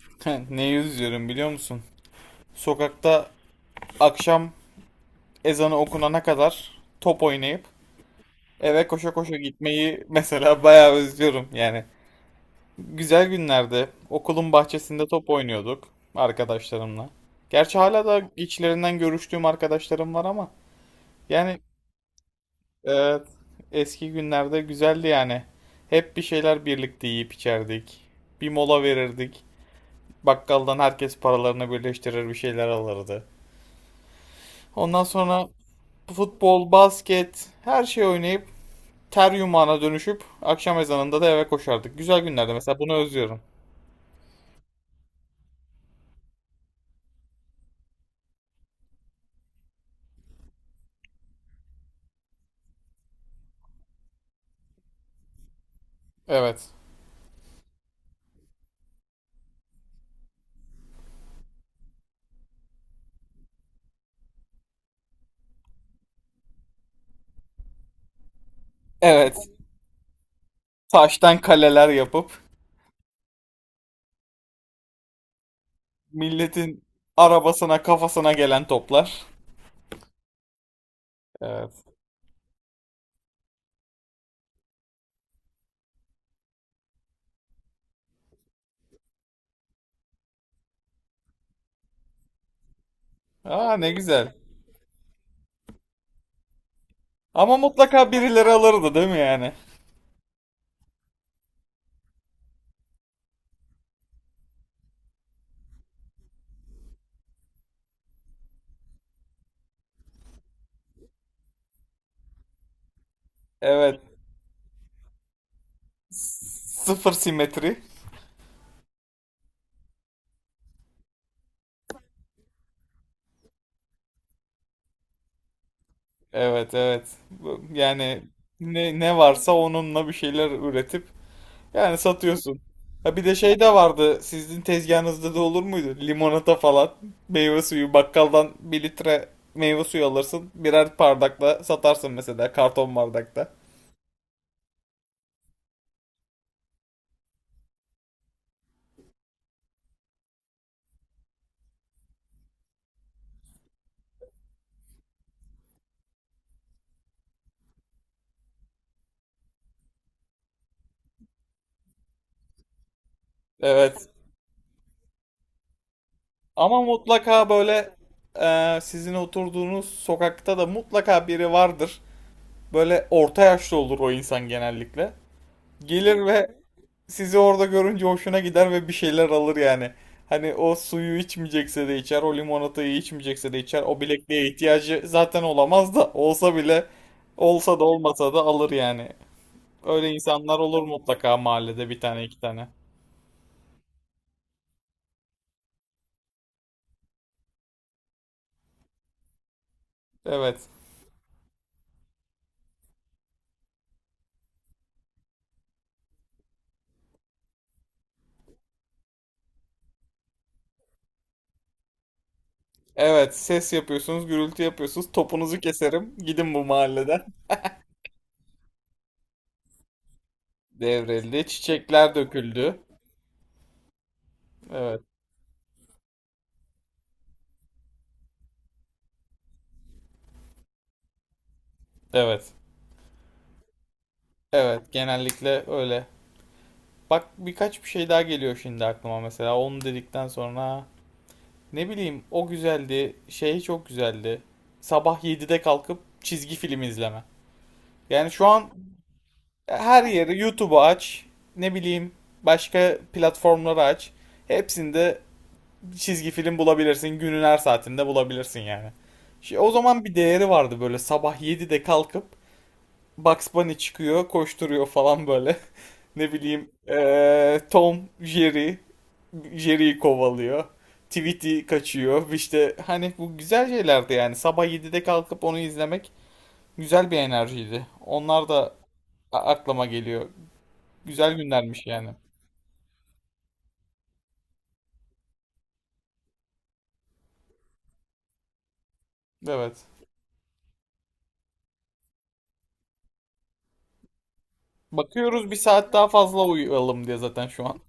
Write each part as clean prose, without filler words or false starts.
Neyi üzüyorum biliyor musun? Sokakta akşam ezanı okunana kadar top oynayıp eve koşa koşa gitmeyi mesela bayağı özlüyorum yani. Güzel günlerde okulun bahçesinde top oynuyorduk arkadaşlarımla. Gerçi hala da içlerinden görüştüğüm arkadaşlarım var ama yani evet, eski günlerde güzeldi yani. Hep bir şeyler birlikte yiyip içerdik. Bir mola verirdik. Bakkaldan herkes paralarını birleştirir bir şeyler alırdı. Ondan sonra futbol, basket, her şey oynayıp ter yumağına dönüşüp akşam ezanında da eve koşardık. Güzel günlerde mesela bunu özlüyorum. Evet. Evet. Taştan kaleler yapıp milletin arabasına kafasına gelen toplar. Evet. Aa, ne güzel. Ama mutlaka birileri alırdı değil mi yani? Evet. Sıfır simetri. Evet, evet. Yani ne varsa onunla bir şeyler üretip yani satıyorsun. Ha, bir de şey de vardı. Sizin tezgahınızda da olur muydu? Limonata falan. Meyve suyu. Bakkaldan bir litre meyve suyu alırsın. Birer bardakla satarsın mesela. Karton bardakta. Evet. Ama mutlaka böyle sizin oturduğunuz sokakta da mutlaka biri vardır. Böyle orta yaşlı olur o insan genellikle. Gelir ve sizi orada görünce hoşuna gider ve bir şeyler alır yani. Hani o suyu içmeyecekse de içer, o limonatayı içmeyecekse de içer. O bilekliğe ihtiyacı zaten olamaz, da olsa bile olsa da olmasa da alır yani. Öyle insanlar olur mutlaka mahallede, bir tane iki tane. Evet. Evet, ses yapıyorsunuz, gürültü yapıyorsunuz. Topunuzu keserim. Gidin bu mahalleden. Devrildi, çiçekler döküldü. Evet. Evet. Evet, genellikle öyle. Bak birkaç bir şey daha geliyor şimdi aklıma, mesela onu dedikten sonra. Ne bileyim, o güzeldi, şey çok güzeldi sabah 7'de kalkıp çizgi film izleme. Yani şu an her yeri, YouTube'u aç, ne bileyim başka platformları aç, hepsinde çizgi film bulabilirsin, günün her saatinde bulabilirsin yani. Şey, o zaman bir değeri vardı, böyle sabah 7'de kalkıp Bugs Bunny çıkıyor, koşturuyor falan böyle. Ne bileyim Tom Jerry, Jerry'i kovalıyor. Tweety kaçıyor. İşte hani bu güzel şeylerdi yani. Sabah 7'de kalkıp onu izlemek güzel bir enerjiydi. Onlar da aklıma geliyor. Güzel günlermiş yani. Evet. Bakıyoruz, bir saat daha fazla uyuyalım diye zaten şu an.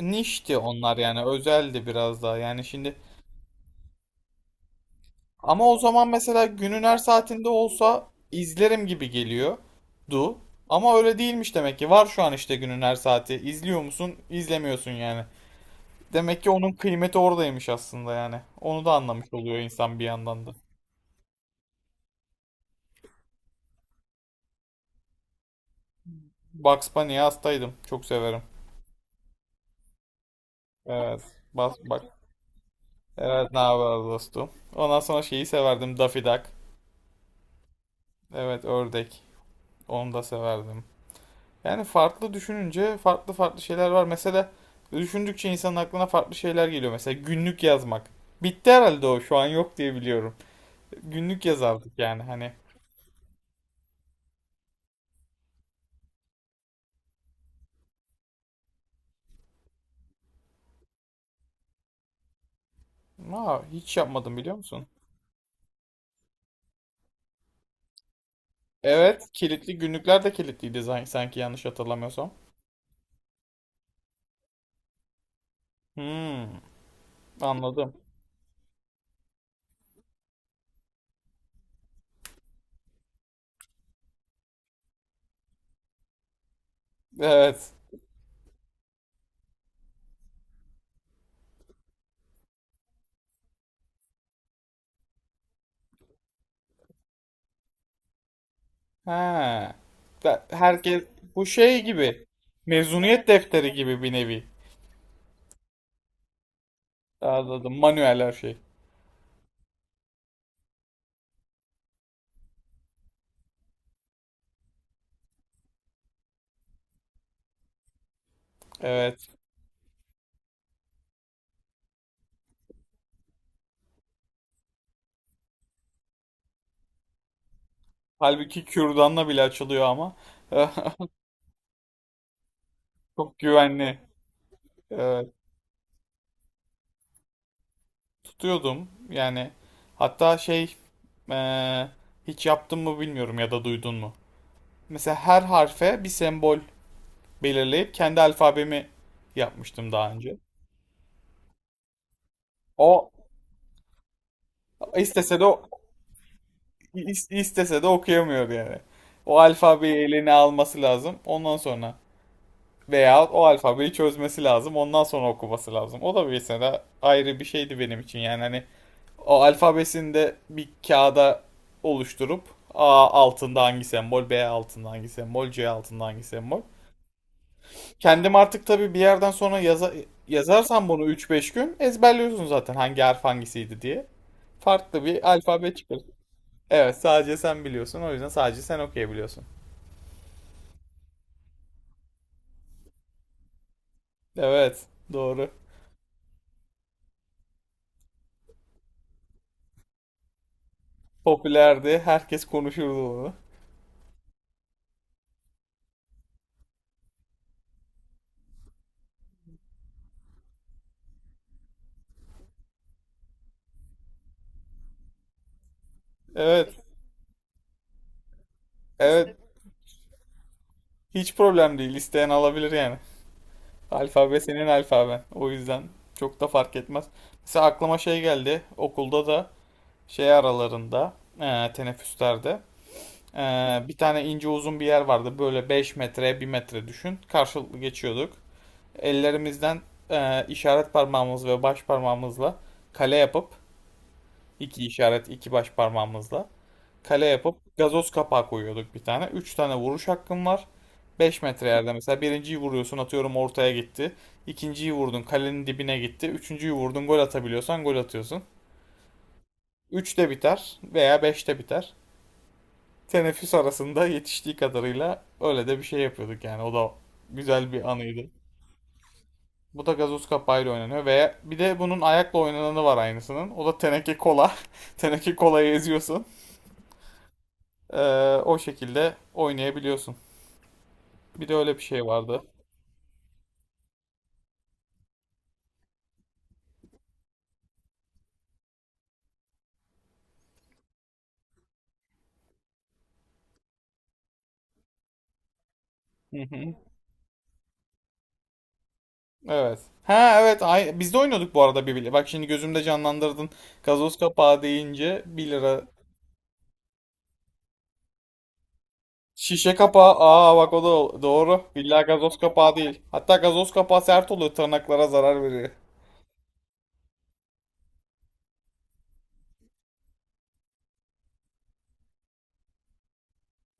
Nişti onlar yani, özeldi biraz daha yani şimdi. Ama o zaman mesela günün her saatinde olsa izlerim gibi geliyor. Du. Ama öyle değilmiş demek ki. Var şu an işte günün her saati. İzliyor musun? İzlemiyorsun yani. Demek ki onun kıymeti oradaymış aslında yani. Onu da anlamış oluyor insan bir yandan da. Bugs Bunny'ye hastaydım. Çok severim. Evet. Bas, bak. Evet, ne haber dostum? Ondan sonra şeyi severdim. Daffy Duck. Evet, ördek. Onu da severdim. Yani farklı düşününce farklı farklı şeyler var. Mesela düşündükçe insanın aklına farklı şeyler geliyor. Mesela günlük yazmak. Bitti herhalde o. Şu an yok diye biliyorum. Günlük yazardık yani hani. Aa, hiç yapmadım biliyor musun? Evet, kilitli günlükler de kilitliydi sanki, yanlış hatırlamıyorsam. Hmm, anladım. Evet. Ha. Herkes bu şey gibi. Mezuniyet defteri gibi bir nevi. Anladım. Manuel her şey. Evet. Halbuki kürdanla bile açılıyor ama. Çok güvenli. Evet, tutuyordum. Yani hatta şey, eee, hiç yaptın mı bilmiyorum ya da duydun mu? Mesela her harfe bir sembol belirleyip kendi alfabemi yapmıştım daha önce. O istese de istese de okuyamıyordu yani. O alfabeyi eline alması lazım. Ondan sonra, veya o alfabeyi çözmesi lazım. Ondan sonra okuması lazım. O da bir mesela ayrı bir şeydi benim için. Yani hani o alfabesini de bir kağıda oluşturup A altında hangi sembol, B altında hangi sembol, C altında hangi sembol. Kendim artık tabii bir yerden sonra yazarsam bunu üç beş gün ezberliyorsun zaten, hangi harf hangisiydi diye. Farklı bir alfabe çıkar. Evet, sadece sen biliyorsun. O yüzden sadece sen okuyabiliyorsun. Evet, doğru. Popülerdi. Herkes konuşurdu bunu. Evet, evet. Hiç problem değil. İsteyen alabilir yani. Alfabe senin alfaben. O yüzden çok da fark etmez. Mesela aklıma şey geldi. Okulda da şey aralarında, teneffüslerde, bir tane ince uzun bir yer vardı. Böyle 5 metre 1 metre düşün. Karşılıklı geçiyorduk. Ellerimizden işaret parmağımız ve baş parmağımızla kale yapıp, iki işaret iki baş parmağımızla kale yapıp gazoz kapağı koyuyorduk bir tane. 3 tane vuruş hakkım var. Beş metre yerde mesela birinciyi vuruyorsun, atıyorum ortaya gitti. İkinciyi vurdun, kalenin dibine gitti. Üçüncüyü vurdun, gol atabiliyorsan gol atıyorsun. 3'te biter veya 5'te biter. Teneffüs arasında yetiştiği kadarıyla öyle de bir şey yapıyorduk yani. O da güzel bir anıydı. Bu da gazoz kapağıyla oynanıyor ve bir de bunun ayakla oynananı var aynısının. O da teneke kola. Teneke kolayı eziyorsun. O şekilde oynayabiliyorsun. Bir de öyle bir şey vardı. Hı hı. Evet. Ha, evet, ay biz de oynuyorduk bu arada bir bile. Bak şimdi gözümde canlandırdın. Gazoz kapağı deyince 1 lira. Şişe kapağı. Aa bak, o da doğru. Billahi gazoz kapağı değil. Hatta gazoz kapağı sert oluyor, tırnaklara zarar veriyor.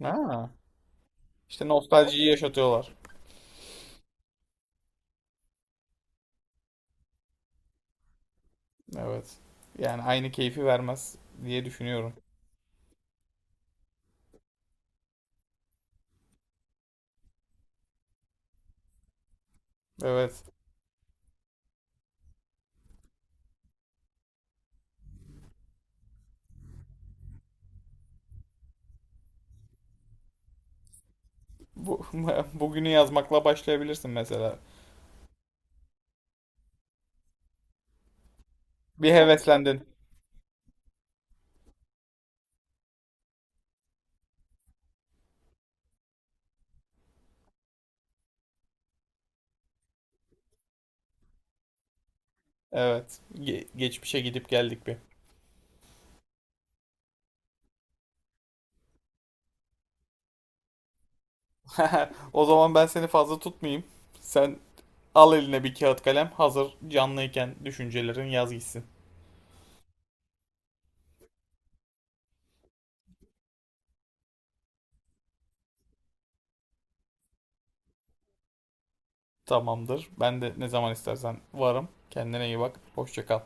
Ha. İşte nostaljiyi yaşatıyorlar. Evet. Yani aynı keyfi vermez diye düşünüyorum. Evet. Bu, bugünü yazmakla başlayabilirsin mesela. Bir heveslendin. Evet. Geçmişe gidip geldik bir. O zaman ben seni fazla tutmayayım. Sen al eline bir kağıt kalem. Hazır canlıyken düşüncelerin yaz gitsin. Tamamdır. Ben de ne zaman istersen varım. Kendine iyi bak. Hoşça kal.